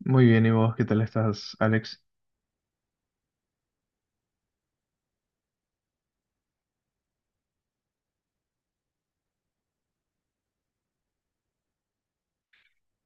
Muy bien, ¿y vos qué tal estás, Alex?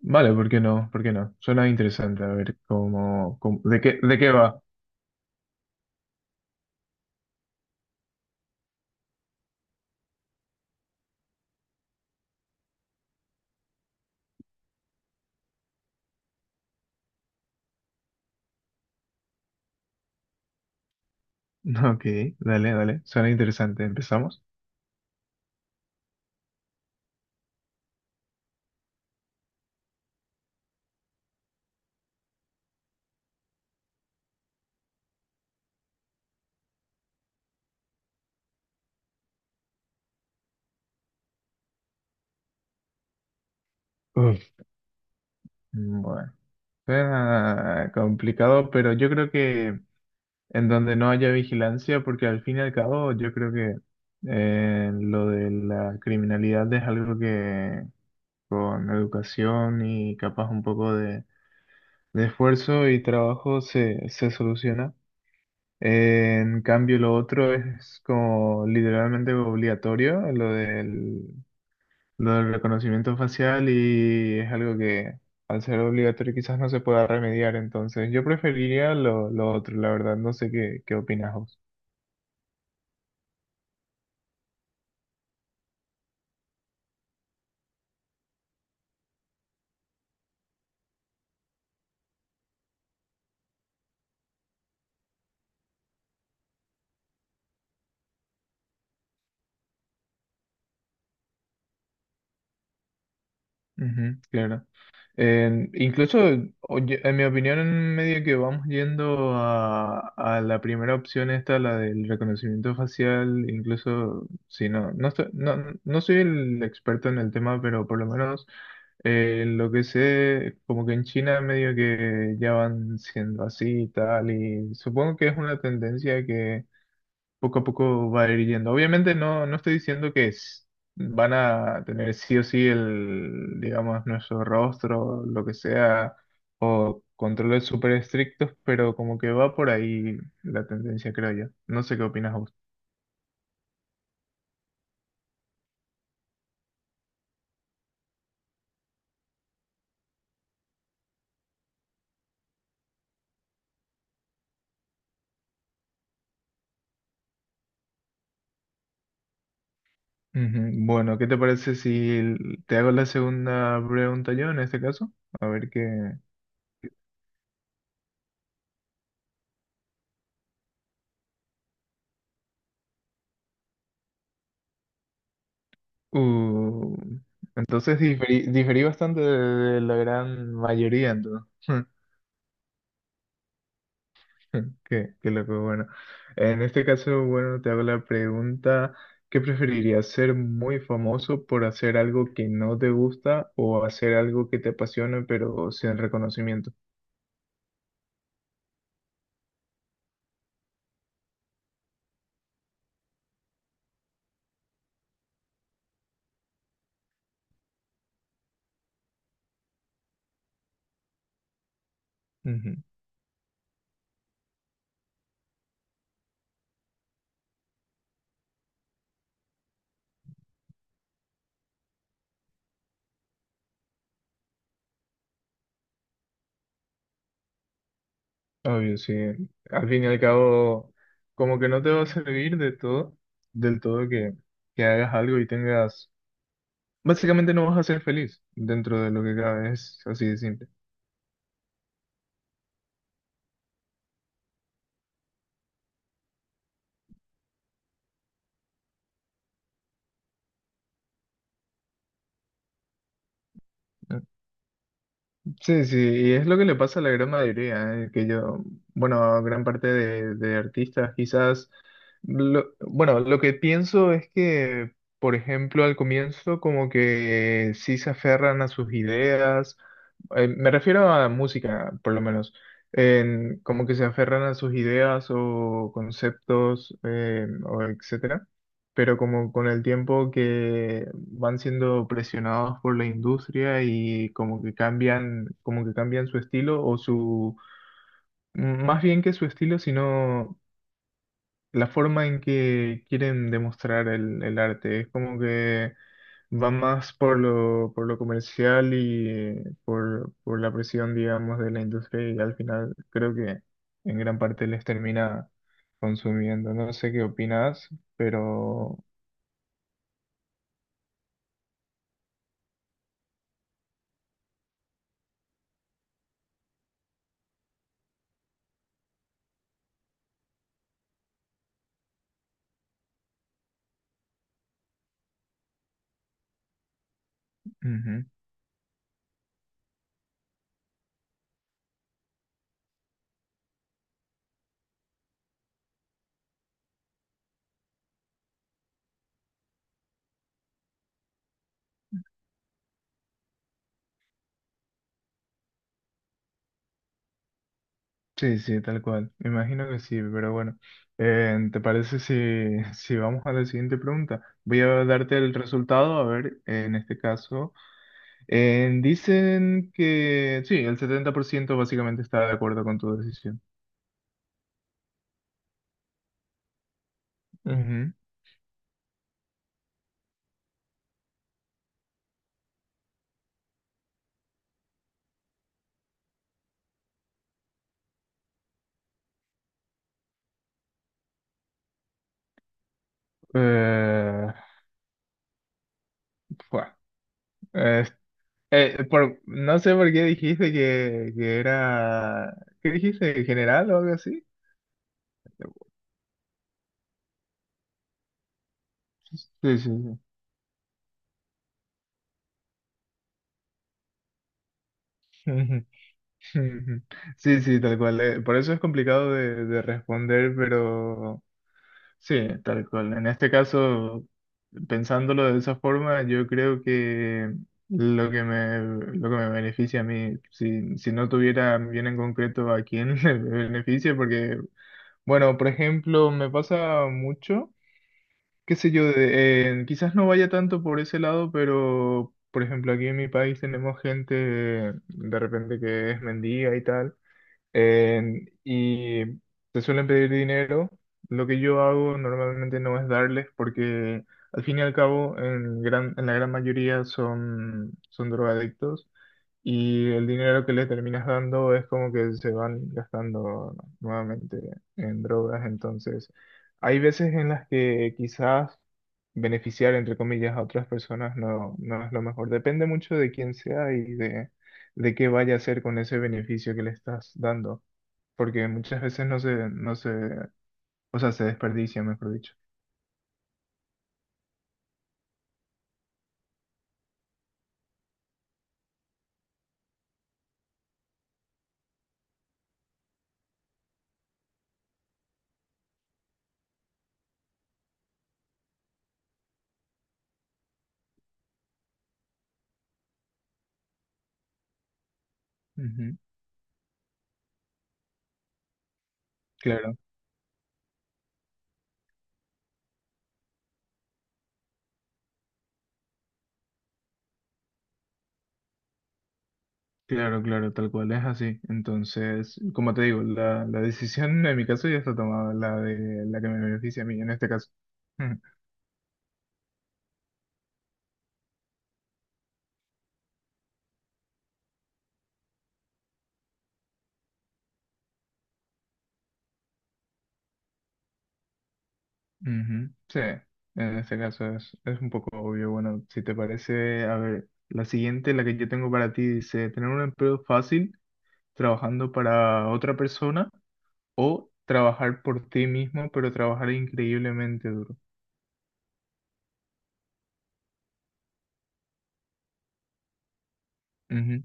Vale, ¿por qué no? ¿Por qué no? Suena interesante, a ver de qué va. Ok, dale, dale, suena interesante. ¿Empezamos? Uf. Bueno, suena complicado, pero yo creo que en donde no haya vigilancia, porque al fin y al cabo yo creo que lo de la criminalidad es algo que con educación y capaz un poco de esfuerzo y trabajo se soluciona. En cambio, lo otro es como literalmente obligatorio, lo del reconocimiento facial y es algo que al ser obligatorio quizás no se pueda remediar. Entonces, yo preferiría lo otro, la verdad. No sé qué opinas vos. Ujú, claro. Eh, incluso, oye, en mi opinión, en medio que vamos yendo a la primera opción esta, la del reconocimiento facial, incluso si no, no soy el experto en el tema, pero por lo menos lo que sé, como que en China medio que ya van siendo así y tal, y supongo que es una tendencia poco a poco va a ir yendo. Obviamente no estoy diciendo que van a tener sí o sí el, digamos, nuestro rostro, lo que sea, controles súper estrictos, pero como que va por ahí la tendencia, creo yo. No sé qué opinas vos. Ujú. Bueno, ¿qué te parece si l- te hago la segunda pregunta yo en este caso? A ver qué... Uh, entonces diferí bastante de la gran mayoría, entonces. Qué, qué loco, bueno. En este caso, bueno, te hago la pregunta, ¿qué preferirías, ser muy famoso por hacer algo que no te gusta o hacer algo que te apasione pero sin reconocimiento? Ujú. Obvio, sí. Al fin y al cabo, como que no te va a servir de todo, del todo que hagas algo y tengas... Básicamente no vas a ser feliz dentro de lo que cabe, es así de simple. Sí, sí, y es lo que le pasa a la gran mayoría, bueno, a gran parte de artistas, quizás, bueno, lo que pienso es que, por ejemplo, al comienzo como que sí se aferran a sus ideas, me refiero a música, por lo menos, como que se aferran a sus ideas o conceptos, o etcétera, pero como con el tiempo que van siendo presionados por la industria y como que cambian su estilo o m- más bien que su estilo, sino la forma en que quieren demostrar el arte. Es como que va más por por lo comercial y por la presión, digamos, de la industria y al final creo que en gran parte les termina consumiendo. No sé qué opinas, pero... Ujú. Sí, sí, tal cual. Me imagino que sí, pero bueno. ¿Te parece si, si vamos a la siguiente pregunta? Voy a darte el resultado, a ver, en este caso. Dicen que sí, el 70% básicamente está de acuerdo con tu decisión. Ujú. Eh, fua. Es- no sé por qué dijiste que era... ¿Qué dijiste? ¿General o algo así? Sí, sí, sí. Ujú. Ujú. Sí, sí, tal cual. Eh, por eso es complicado de responder, pero sí, tal cual. En este caso, pensándolo de esa forma, yo creo que lo que me, lo que me beneficia a mí, si no tuviera bien en concreto a quién le beneficia, porque, bueno, por ejemplo, me pasa mucho, qué sé yo, quizás no vaya tanto por ese lado, pero, por ejemplo, aquí en mi país tenemos gente de repente que es mendiga y tal. Y te suelen pedir dinero. Lo que yo hago normalmente no es darles porque al fin y al cabo en la gran mayoría son drogadictos y el dinero que les terminas dando es como que se van gastando nuevamente en drogas. Entonces, hay veces en las que quizás beneficiar, entre comillas, a otras personas no es lo mejor. Depende mucho de quién sea y de qué vaya a hacer con ese beneficio que le estás dando porque muchas veces no se, no se, o sea, se desperdicia, mejor dicho. Ujú. Claro, claro, tal cual es así. Entonces, como te digo, la decisión en mi caso ya está tomada, la de la que me beneficia a mí en este caso. Ujú, ujú. Sí, en este caso es un poco obvio. Bueno, si te parece, a ver, la siguiente, la que yo tengo para ti, dice, tener un empleo fácil trabajando para otra persona o trabajar por ti mismo, pero trabajar increíblemente duro. Ujú,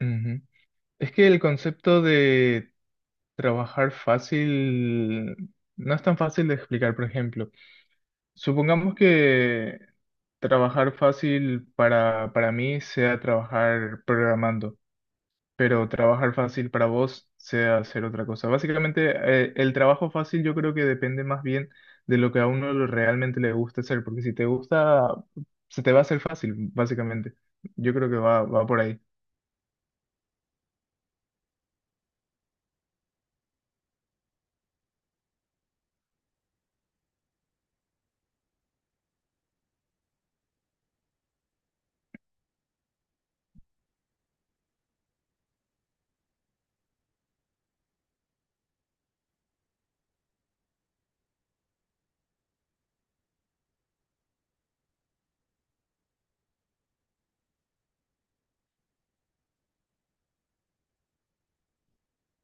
ujú. Es que el concepto de trabajar fácil no es tan fácil de explicar, por ejemplo. Supongamos que trabajar fácil para mí sea trabajar programando, pero trabajar fácil para vos sea hacer otra cosa. Básicamente, el trabajo fácil yo creo que depende más bien de lo que a uno realmente le gusta hacer, porque si te gusta, se te va a hacer fácil, básicamente. Yo creo que va por ahí.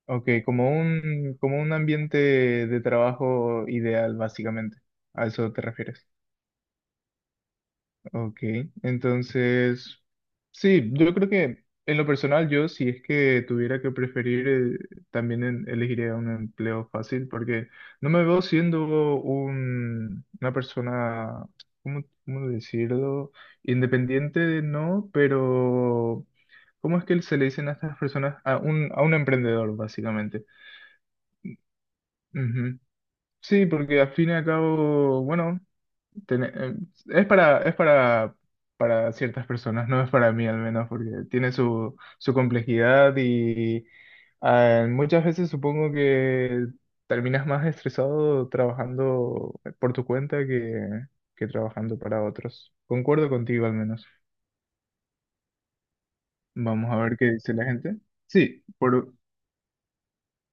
Ok, como un ambiente de trabajo ideal, básicamente. ¿A eso te refieres? Ok, entonces, sí, yo creo que en lo personal yo, si es que tuviera que preferir, también elegiría un empleo fácil, porque no me veo siendo una persona, ¿cómo, cómo decirlo? Independiente, no, pero ¿cómo es que se le dicen a estas personas? A a un emprendedor, básicamente. Ujú. Sí, porque al fin y al cabo, bueno, tene- eh, es para ciertas personas, no es para mí al menos, porque tiene su complejidad y ah, muchas veces supongo que terminas más estresado trabajando por tu cuenta que trabajando para otros. Concuerdo contigo al menos. Vamos a ver qué dice la gente. Sí, por,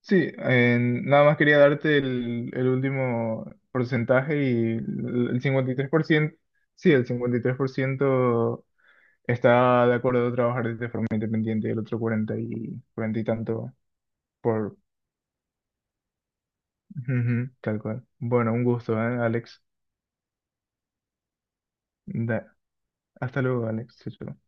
sí, nada más quería darte el último porcentaje y el 53%, sí, el 53% está de acuerdo de trabajar de forma independiente y el otro 40 y tanto por... Ujú, tal cual. Bueno, un gusto, ¿eh, Alex? Da- hasta luego, Alex. Chao, chao.